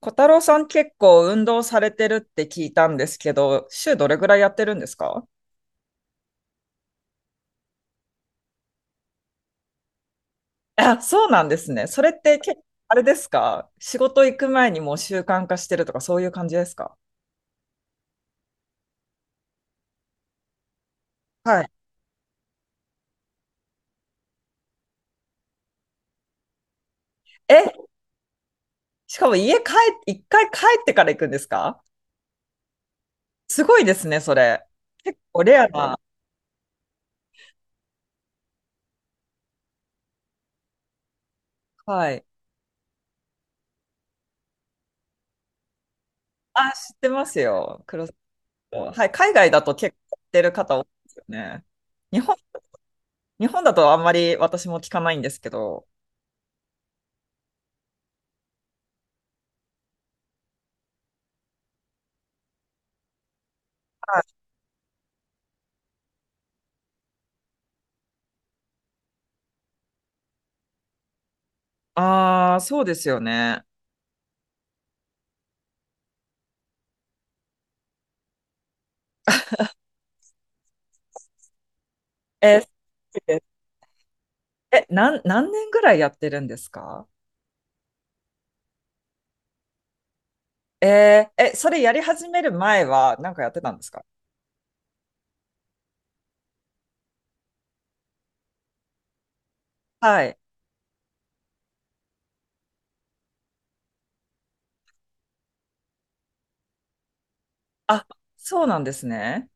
小太郎さん結構運動されてるって聞いたんですけど、週どれぐらいやってるんですか？あ、そうなんですね。それって結構あれですか？仕事行く前にもう習慣化してるとかそういう感じですか？はい。え、しかも家帰、一回帰ってから行くんですか？すごいですね、それ。結構レアな。はい。あ、知ってますよ。クロスフィット。はい。海外だと結構やってる方多いですよね。日本、日本だとあんまり私も聞かないんですけど。はい。ああ、そうですよね。好きです。え、何年ぐらいやってるんですか？それやり始める前は何かやってたんですか？はい。あ、そうなんですね。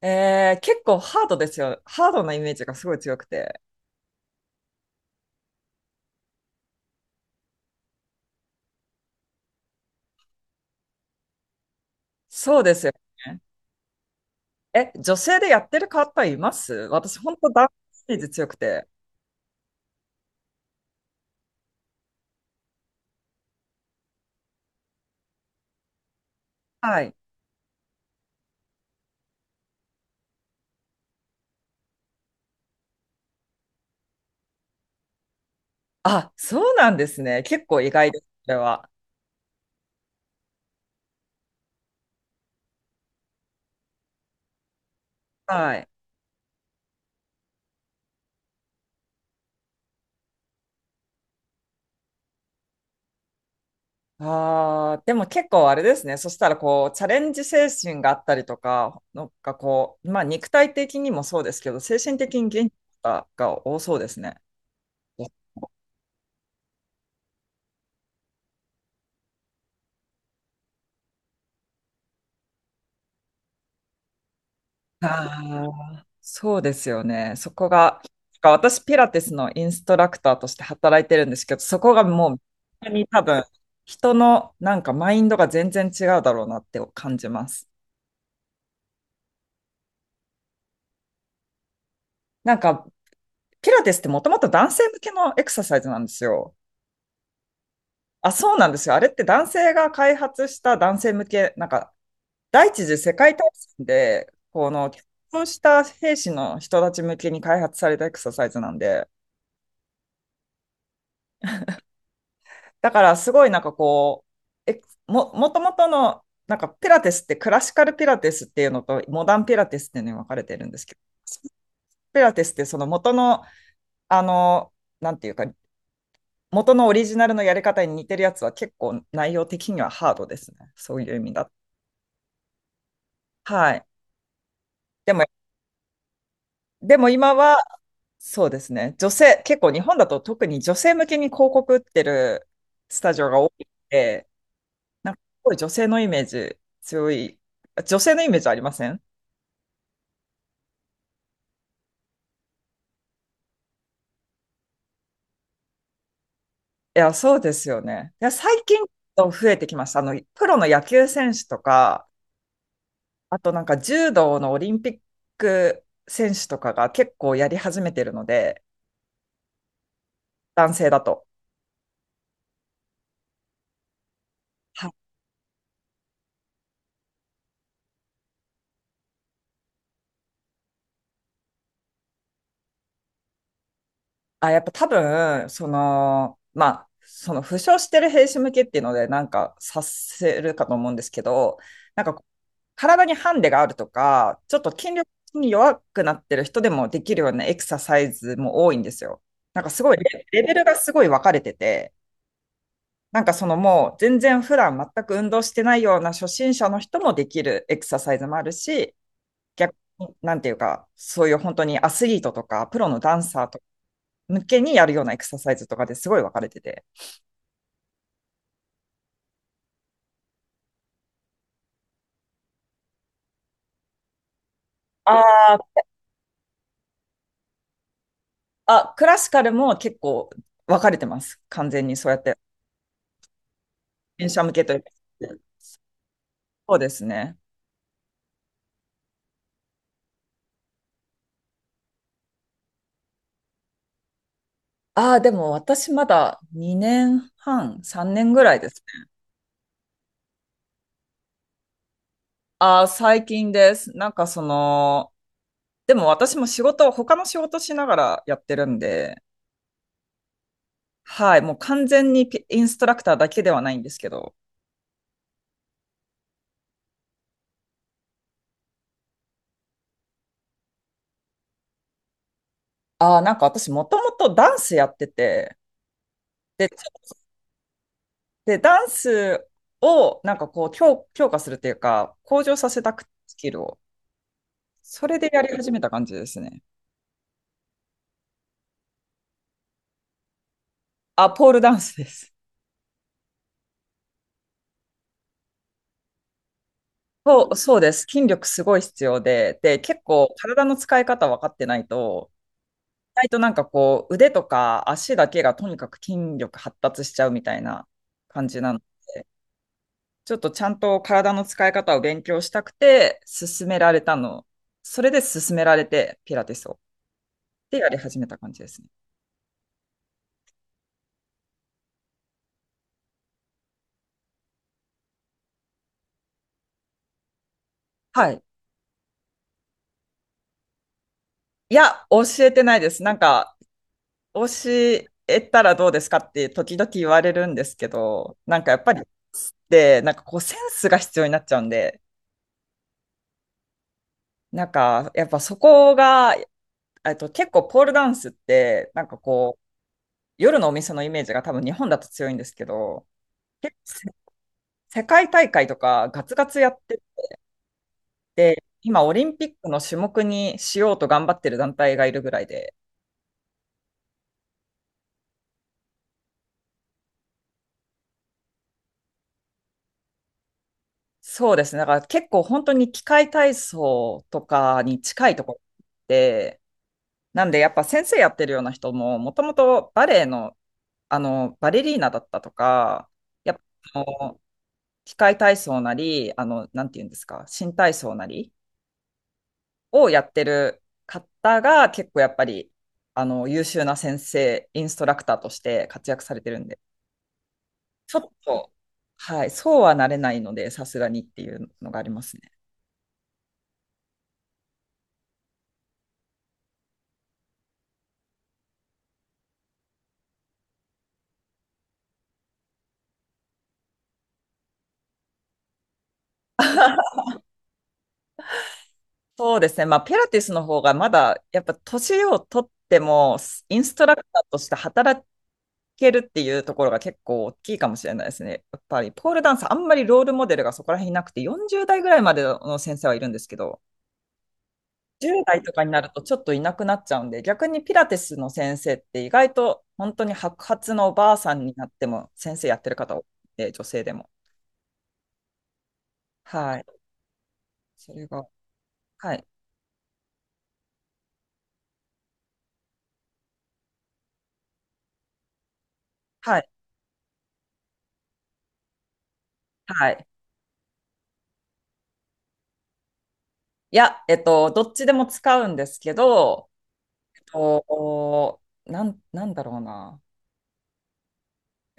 結構ハードですよ。ハードなイメージがすごい強くて。そうですよね。え、女性でやってる方います？私、本当ダンスイメージ強くて。はい。あ、そうなんですね。結構意外です、それは。はい。ああ、でも結構あれですね。そしたらこう、チャレンジ精神があったりとか、なんかこう、まあ肉体的にもそうですけど、精神的に元気が多そうですね。ああ、そうですよね。そこが、なんか私ピラティスのインストラクターとして働いてるんですけど、そこがもう、本当に多分、人のなんかマインドが全然違うだろうなって感じます。なんか、ピラティスってもともと男性向けのエクササイズなんですよ。あ、そうなんですよ。あれって男性が開発した男性向け、なんか、第一次世界大戦で、この、結婚した兵士の人たち向けに開発されたエクササイズなんで、だからすごいなんかこう、もともとの、なんかピラティスってクラシカルピラティスっていうのとモダンピラティスっていうのに分かれてるんですけど、ピラティスってその元の、あの、なんていうか、元のオリジナルのやり方に似てるやつは結構内容的にはハードですね。そういう意味だ。はい。でも、でも今はそうですね。女性、結構日本だと特に女性向けに広告売ってるスタジオが多いので、なんかすごい女性のイメージ強い。女性のイメージありません？いや、そうですよね。いや、最近増えてきました。プロの野球選手とか、あとなんか柔道のオリンピック選手とかが結構やり始めてるので、男性だと。あ、やっぱ多分、その負傷してる兵士向けっていうので、なんかさせるかと思うんですけど、なんか体にハンデがあるとか、ちょっと筋力に弱くなってる人でもできるようなエクササイズも多いんですよ。なんかすごい、レレベルがすごい分かれてて、なんかそのもう全然普段全く運動してないような初心者の人もできるエクササイズもあるし、逆に、なんていうか、そういう本当にアスリートとか、プロのダンサーとか向けにやるようなエクササイズとかですごい分かれてて。ああ、あ、クラシカルも結構分かれてます。完全にそうやって。電車向けというか。そうですね。ああ、でも私まだ2年半、3年ぐらいですね。ああ、最近です。なんかでも私も仕事、他の仕事しながらやってるんで、はい、もう完全にピインストラクターだけではないんですけど、ああ、なんか私もともとダンスやってて、で、で、ダンスをなんかこう強化するっていうか、向上させたくて、スキルを。それでやり始めた感じですね。あ、ポールダンスです。そう、そうです。筋力すごい必要で、結構体の使い方分かってないと、意外となんかこう、腕とか足だけがとにかく筋力発達しちゃうみたいな感じなの。ちょっとちゃんと体の使い方を勉強したくて、勧められたの。それで勧められて、ピラティスを。で、やり始めた感じですね。はい。いや、教えてないです。なんか、教えたらどうですかって時々言われるんですけど、なんかやっぱり、で、なんかこうセンスが必要になっちゃうんで、なんかやっぱそこが、結構ポールダンスって、なんかこう、夜のお店のイメージが多分日本だと強いんですけど、結構世界大会とかガツガツやってて、今オリンピックの種目にしようと頑張ってる団体がいるぐらいで、そうですね。だから結構本当に器械体操とかに近いところなんでやっぱ先生やってるような人も、もともとバレエの、バレリーナだったとか、やっぱ器械体操なり、なんていうんですか、新体操なりをやってる方が結構やっぱり、優秀な先生、インストラクターとして活躍されてるんで、ちょっと、はい、そうはなれないので、さすがにっていうのがありますね。そうですね。まあ、ピラティスの方がまだ、やっぱ年を取っても、インストラクターとして働けるっていうところが結構大きいかもしれないですね。やっぱりポールダンス、あんまりロールモデルがそこら辺いなくて、40代ぐらいまでの先生はいるんですけど、10代とかになるとちょっといなくなっちゃうんで、逆にピラティスの先生って意外と本当に白髪のおばあさんになっても先生やってる方多くて、女性でも。はい。それが、はい。はい。はい。いや、どっちでも使うんですけど、なんだろうな。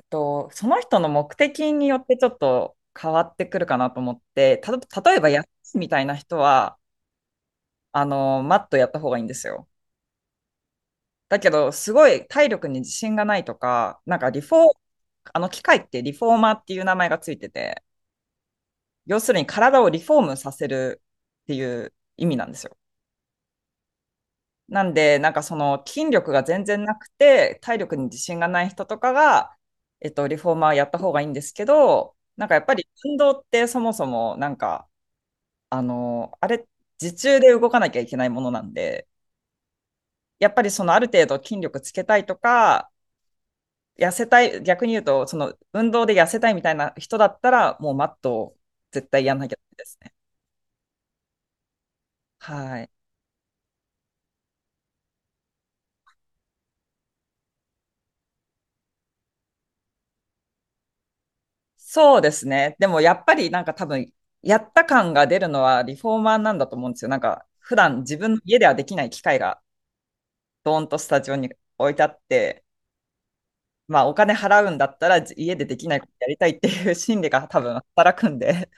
その人の目的によってちょっと変わってくるかなと思って、例えば安いみたいな人は、マットやった方がいいんですよ。だけど、すごい体力に自信がないとか、なんかリフォー、あの機械ってリフォーマーっていう名前がついてて、要するに体をリフォームさせるっていう意味なんですよ。なんで、なんかその筋力が全然なくて、体力に自信がない人とかが、リフォーマーやった方がいいんですけど、なんかやっぱり運動ってそもそもなんかあの、あれ、自重で動かなきゃいけないものなんで、やっぱりそのある程度筋力つけたいとか、痩せたい、逆に言うと、その運動で痩せたいみたいな人だったら、もうマットを絶対やんなきゃダメですね。はい。そうですね。でもやっぱりなんか多分、やった感が出るのはリフォーマーなんだと思うんですよ。なんか、普段自分の家ではできない機械が、ドーンとスタジオに置いてあって、まあお金払うんだったら家でできないことやりたいっていう心理が多分働くんで、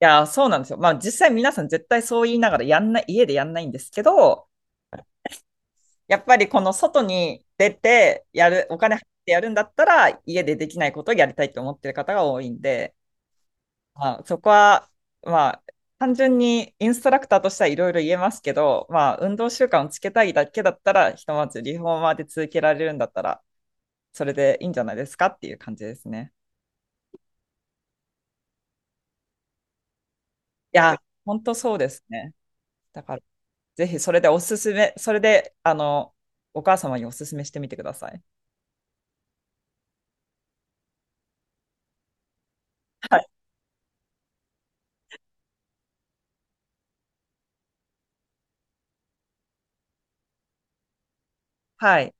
そうなんですよ。まあ実際皆さん絶対そう言いながらやんない、家でやんないんですけど、やっぱりこの外に出てやる、お金入ってやるんだったら、家でできないことをやりたいと思ってる方が多いんで、まあそこは、まあ単純にインストラクターとしてはいろいろ言えますけど、まあ運動習慣をつけたいだけだったら、ひとまずリフォーマーで続けられるんだったら、それでいいんじゃないですかっていう感じですね。いや、本当そうですね。だからぜひそれで、お母様におすすめしてみてください。はい。はい。